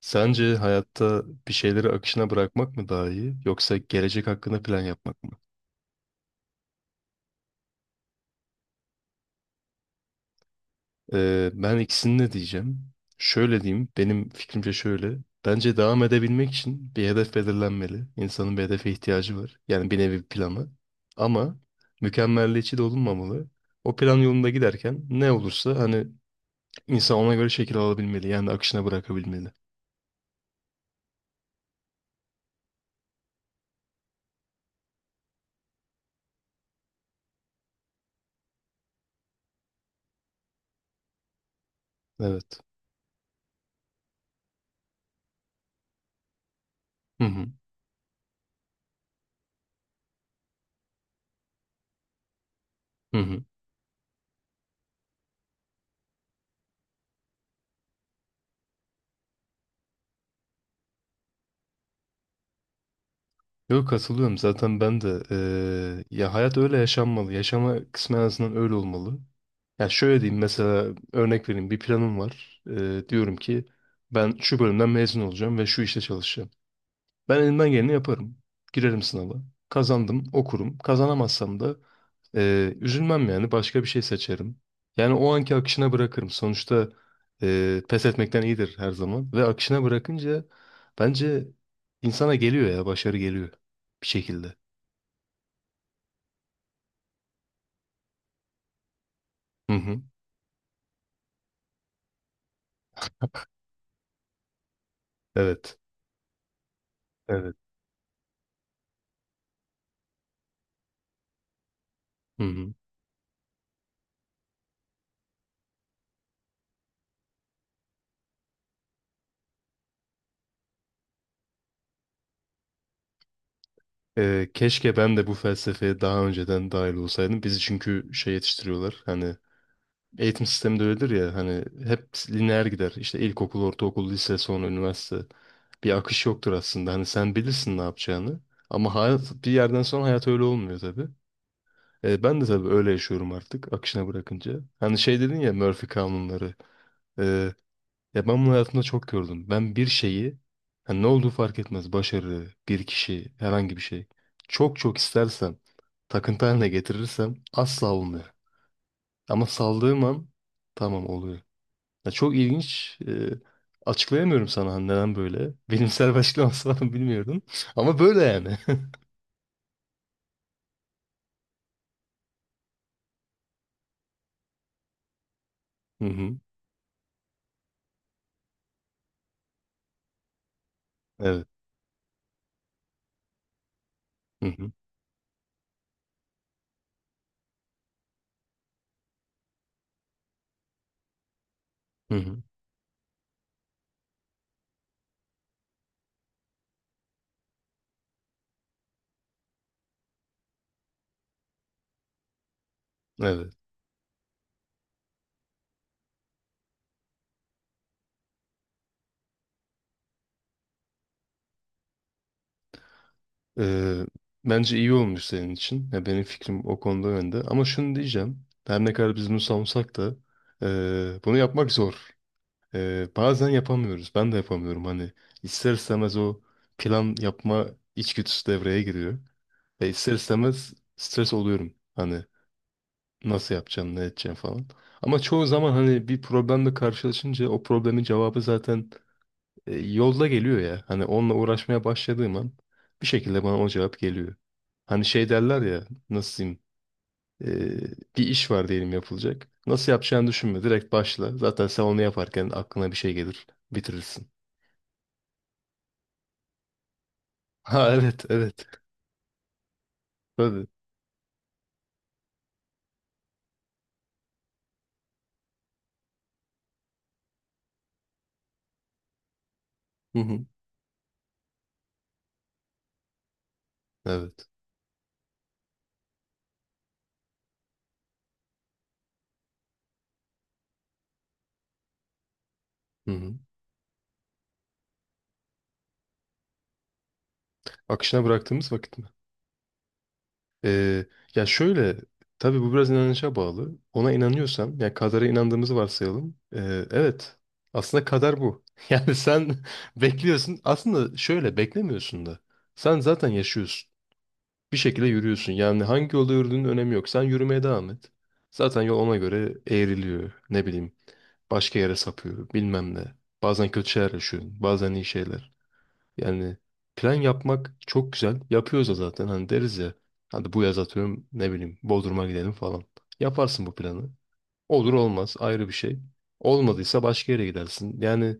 Sence hayatta bir şeyleri akışına bırakmak mı daha iyi yoksa gelecek hakkında plan yapmak mı? Ben ikisini de diyeceğim. Şöyle diyeyim, benim fikrimce şöyle. Bence devam edebilmek için bir hedef belirlenmeli. İnsanın bir hedefe ihtiyacı var. Yani bir nevi bir planı. Ama mükemmelliyetçi de olunmamalı. O plan yolunda giderken ne olursa hani insan ona göre şekil alabilmeli. Yani akışına bırakabilmeli. Evet. Hı hı. Hı hı. Yok katılıyorum zaten ben de ya hayat öyle yaşanmalı. Yaşama kısmı en azından öyle olmalı. Ya şöyle diyeyim mesela örnek vereyim bir planım var. Diyorum ki ben şu bölümden mezun olacağım ve şu işte çalışacağım. Ben elimden geleni yaparım. Girerim sınava. Kazandım okurum. Kazanamazsam da üzülmem yani başka bir şey seçerim. Yani o anki akışına bırakırım. Sonuçta pes etmekten iyidir her zaman. Ve akışına bırakınca bence insana geliyor ya başarı geliyor bir şekilde. Hı hı. Evet. Evet. Hı hı. Keşke ben de bu felsefeye daha önceden dahil olsaydım. Bizi çünkü şey yetiştiriyorlar. Hani eğitim sistemi de öyledir ya hani hep lineer gider. İşte ilkokul, ortaokul, lise, sonra üniversite. Bir akış yoktur aslında. Hani sen bilirsin ne yapacağını. Ama hayat bir yerden sonra hayat öyle olmuyor tabii. Ben de tabii öyle yaşıyorum artık akışına bırakınca. Hani şey dedin ya Murphy kanunları. E, Ya ben bunu hayatımda çok gördüm. Ben bir şeyi hani ne olduğu fark etmez. Başarı, bir kişi, herhangi bir şey. Çok çok istersem, takıntı haline getirirsem asla olmuyor. Ama saldığım an tamam oluyor. Ya çok ilginç. Açıklayamıyorum sana hani neden böyle. Bilimsel bir açıklaması var mı bilmiyorum. Ama böyle yani. Hı hı. Evet. Hı hı. Hı hı. Evet. Ee, Bence iyi olmuş senin için. Ya benim fikrim o konuda önde. Ama şunu diyeceğim. Her ne kadar biz bunu savunsak da bunu yapmak zor. Bazen yapamıyoruz. Ben de yapamıyorum. Hani ister istemez o plan yapma içgüdüsü devreye giriyor. Ve ister istemez stres oluyorum. Hani nasıl yapacaksın, ne edeceksin falan. Ama çoğu zaman hani bir problemle karşılaşınca o problemin cevabı zaten yolda geliyor ya. Hani onunla uğraşmaya başladığım an bir şekilde bana o cevap geliyor. Hani şey derler ya nasıl diyeyim bir iş var diyelim yapılacak. Nasıl yapacağını düşünme direkt başla. Zaten sen onu yaparken aklına bir şey gelir bitirirsin. Ha evet evet tabii. Hı hı. Evet. Hı hı. Akışına bıraktığımız vakit mi? Ee, Ya şöyle, tabii bu biraz inanışa bağlı. Ona inanıyorsan, ya kadara inandığımızı varsayalım. Evet, aslında kader bu. Yani sen bekliyorsun. Aslında şöyle beklemiyorsun da. Sen zaten yaşıyorsun. Bir şekilde yürüyorsun. Yani hangi yolda yürüdüğünün önemi yok. Sen yürümeye devam et. Zaten yol ona göre eğriliyor. Ne bileyim, başka yere sapıyor, bilmem ne. Bazen kötü şeyler yaşıyorsun, bazen iyi şeyler. Yani plan yapmak çok güzel. Yapıyoruz da zaten hani deriz ya. Hadi bu yaz atıyorum ne bileyim Bodrum'a gidelim falan. Yaparsın bu planı. Olur olmaz ayrı bir şey. Olmadıysa başka yere gidersin. Yani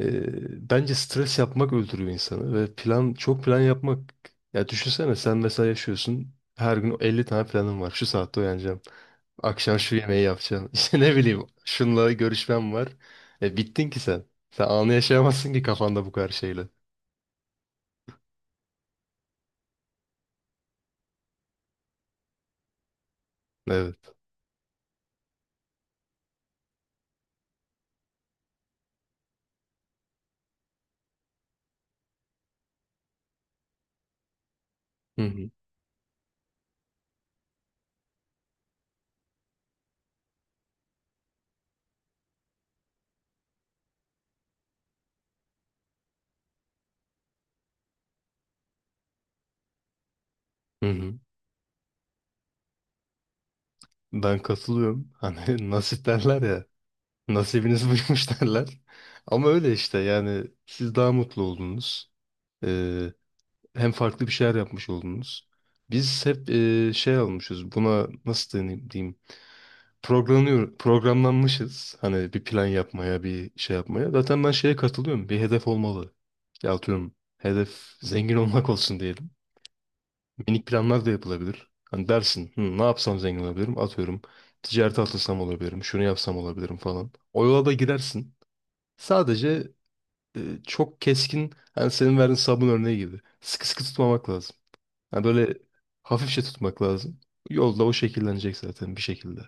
bence stres yapmak öldürüyor insanı ve plan çok plan yapmak. Ya düşünsene sen mesela yaşıyorsun. Her gün 50 tane planın var. Şu saatte uyanacağım. Akşam şu yemeği yapacağım. İşte ne bileyim şunla görüşmem var. Bittin ki sen. Sen anı yaşayamazsın ki kafanda bu kadar şeyle. Evet. Hı hı. Hı hı. Ben katılıyorum. Hani nasip derler ya. Nasibiniz buymuş derler. Ama öyle işte yani siz daha mutlu oldunuz. Ee, Hem farklı bir şeyler yapmış oldunuz. Biz hep şey almışız. Buna nasıl deneyim diyeyim. Programlıyor, programlanmışız. Hani bir plan yapmaya, bir şey yapmaya. Zaten ben şeye katılıyorum. Bir hedef olmalı. Ya atıyorum hedef zengin olmak olsun diyelim. Minik planlar da yapılabilir. Hani dersin, hı, ne yapsam zengin olabilirim? Atıyorum, ticarete atılsam olabilirim, şunu yapsam olabilirim falan. O yola da girersin. Sadece e, çok keskin, hani senin verdiğin sabun örneği gibi. Sıkı sıkı tutmamak lazım. Yani böyle hafifçe tutmak lazım. Yolda o şekillenecek zaten bir şekilde.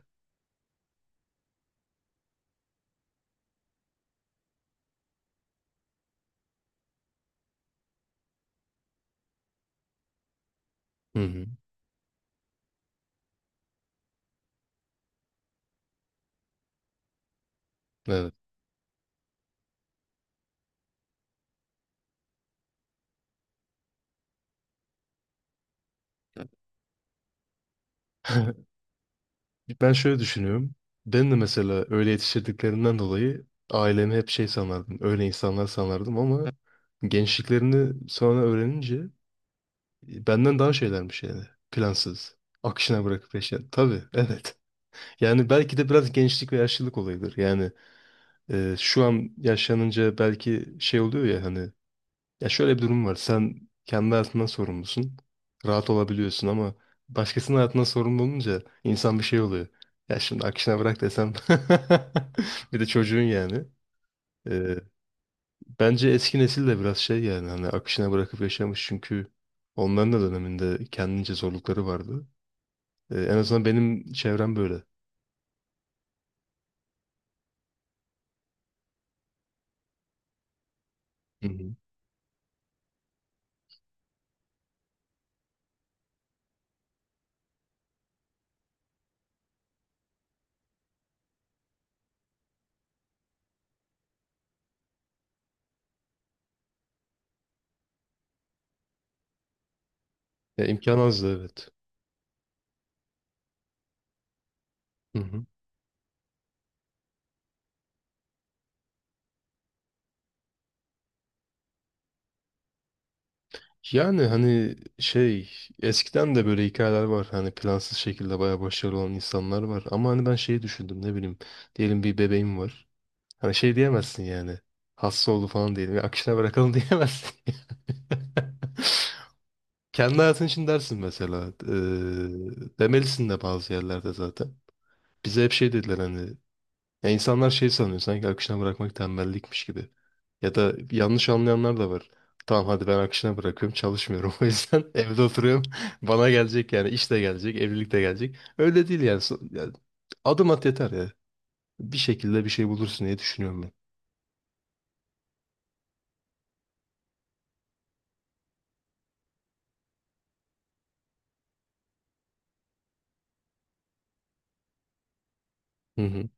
Hı hı. Evet. Ben şöyle düşünüyorum. Ben de mesela öyle yetiştirdiklerinden dolayı ailemi hep şey sanardım. Öyle insanlar sanardım ama gençliklerini sonra öğrenince benden daha şeylermiş yani. Plansız. Akışına bırakıp yaşayan. Tabii, evet. Yani belki de biraz gençlik ve yaşlılık olayıdır. Yani şu an yaşlanınca belki şey oluyor ya hani ya şöyle bir durum var. Sen kendi hayatından sorumlusun. Rahat olabiliyorsun ama başkasının hayatından sorumlu olunca insan bir şey oluyor. Ya şimdi akışına bırak desem bir de çocuğun yani. E, Bence eski nesil de biraz şey yani hani akışına bırakıp yaşamış çünkü onların da döneminde kendince zorlukları vardı. En azından benim çevrem böyle. Hı hı. Ya imkan azdı evet. Hı hı. Yani hani şey eskiden de böyle hikayeler var. Hani plansız şekilde bayağı başarılı olan insanlar var. Ama hani ben şeyi düşündüm ne bileyim. Diyelim bir bebeğim var. Hani şey diyemezsin yani. Hasta oldu falan diyelim. Ya akışına bırakalım diyemezsin. Kendi hayatın için dersin mesela. Demelisin de bazı yerlerde zaten. Bize hep şey dediler hani. Ya insanlar şey sanıyor sanki akışına bırakmak tembellikmiş gibi. Ya da yanlış anlayanlar da var. Tamam hadi ben akışına bırakıyorum çalışmıyorum o yüzden evde oturuyorum. Bana gelecek yani iş de gelecek evlilik de gelecek. Öyle değil yani. Ya adım at yeter ya. Bir şekilde bir şey bulursun diye düşünüyorum ben. Hı hı.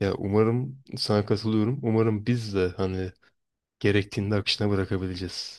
Ya umarım sana katılıyorum. Umarım biz de hani gerektiğinde akışına bırakabileceğiz.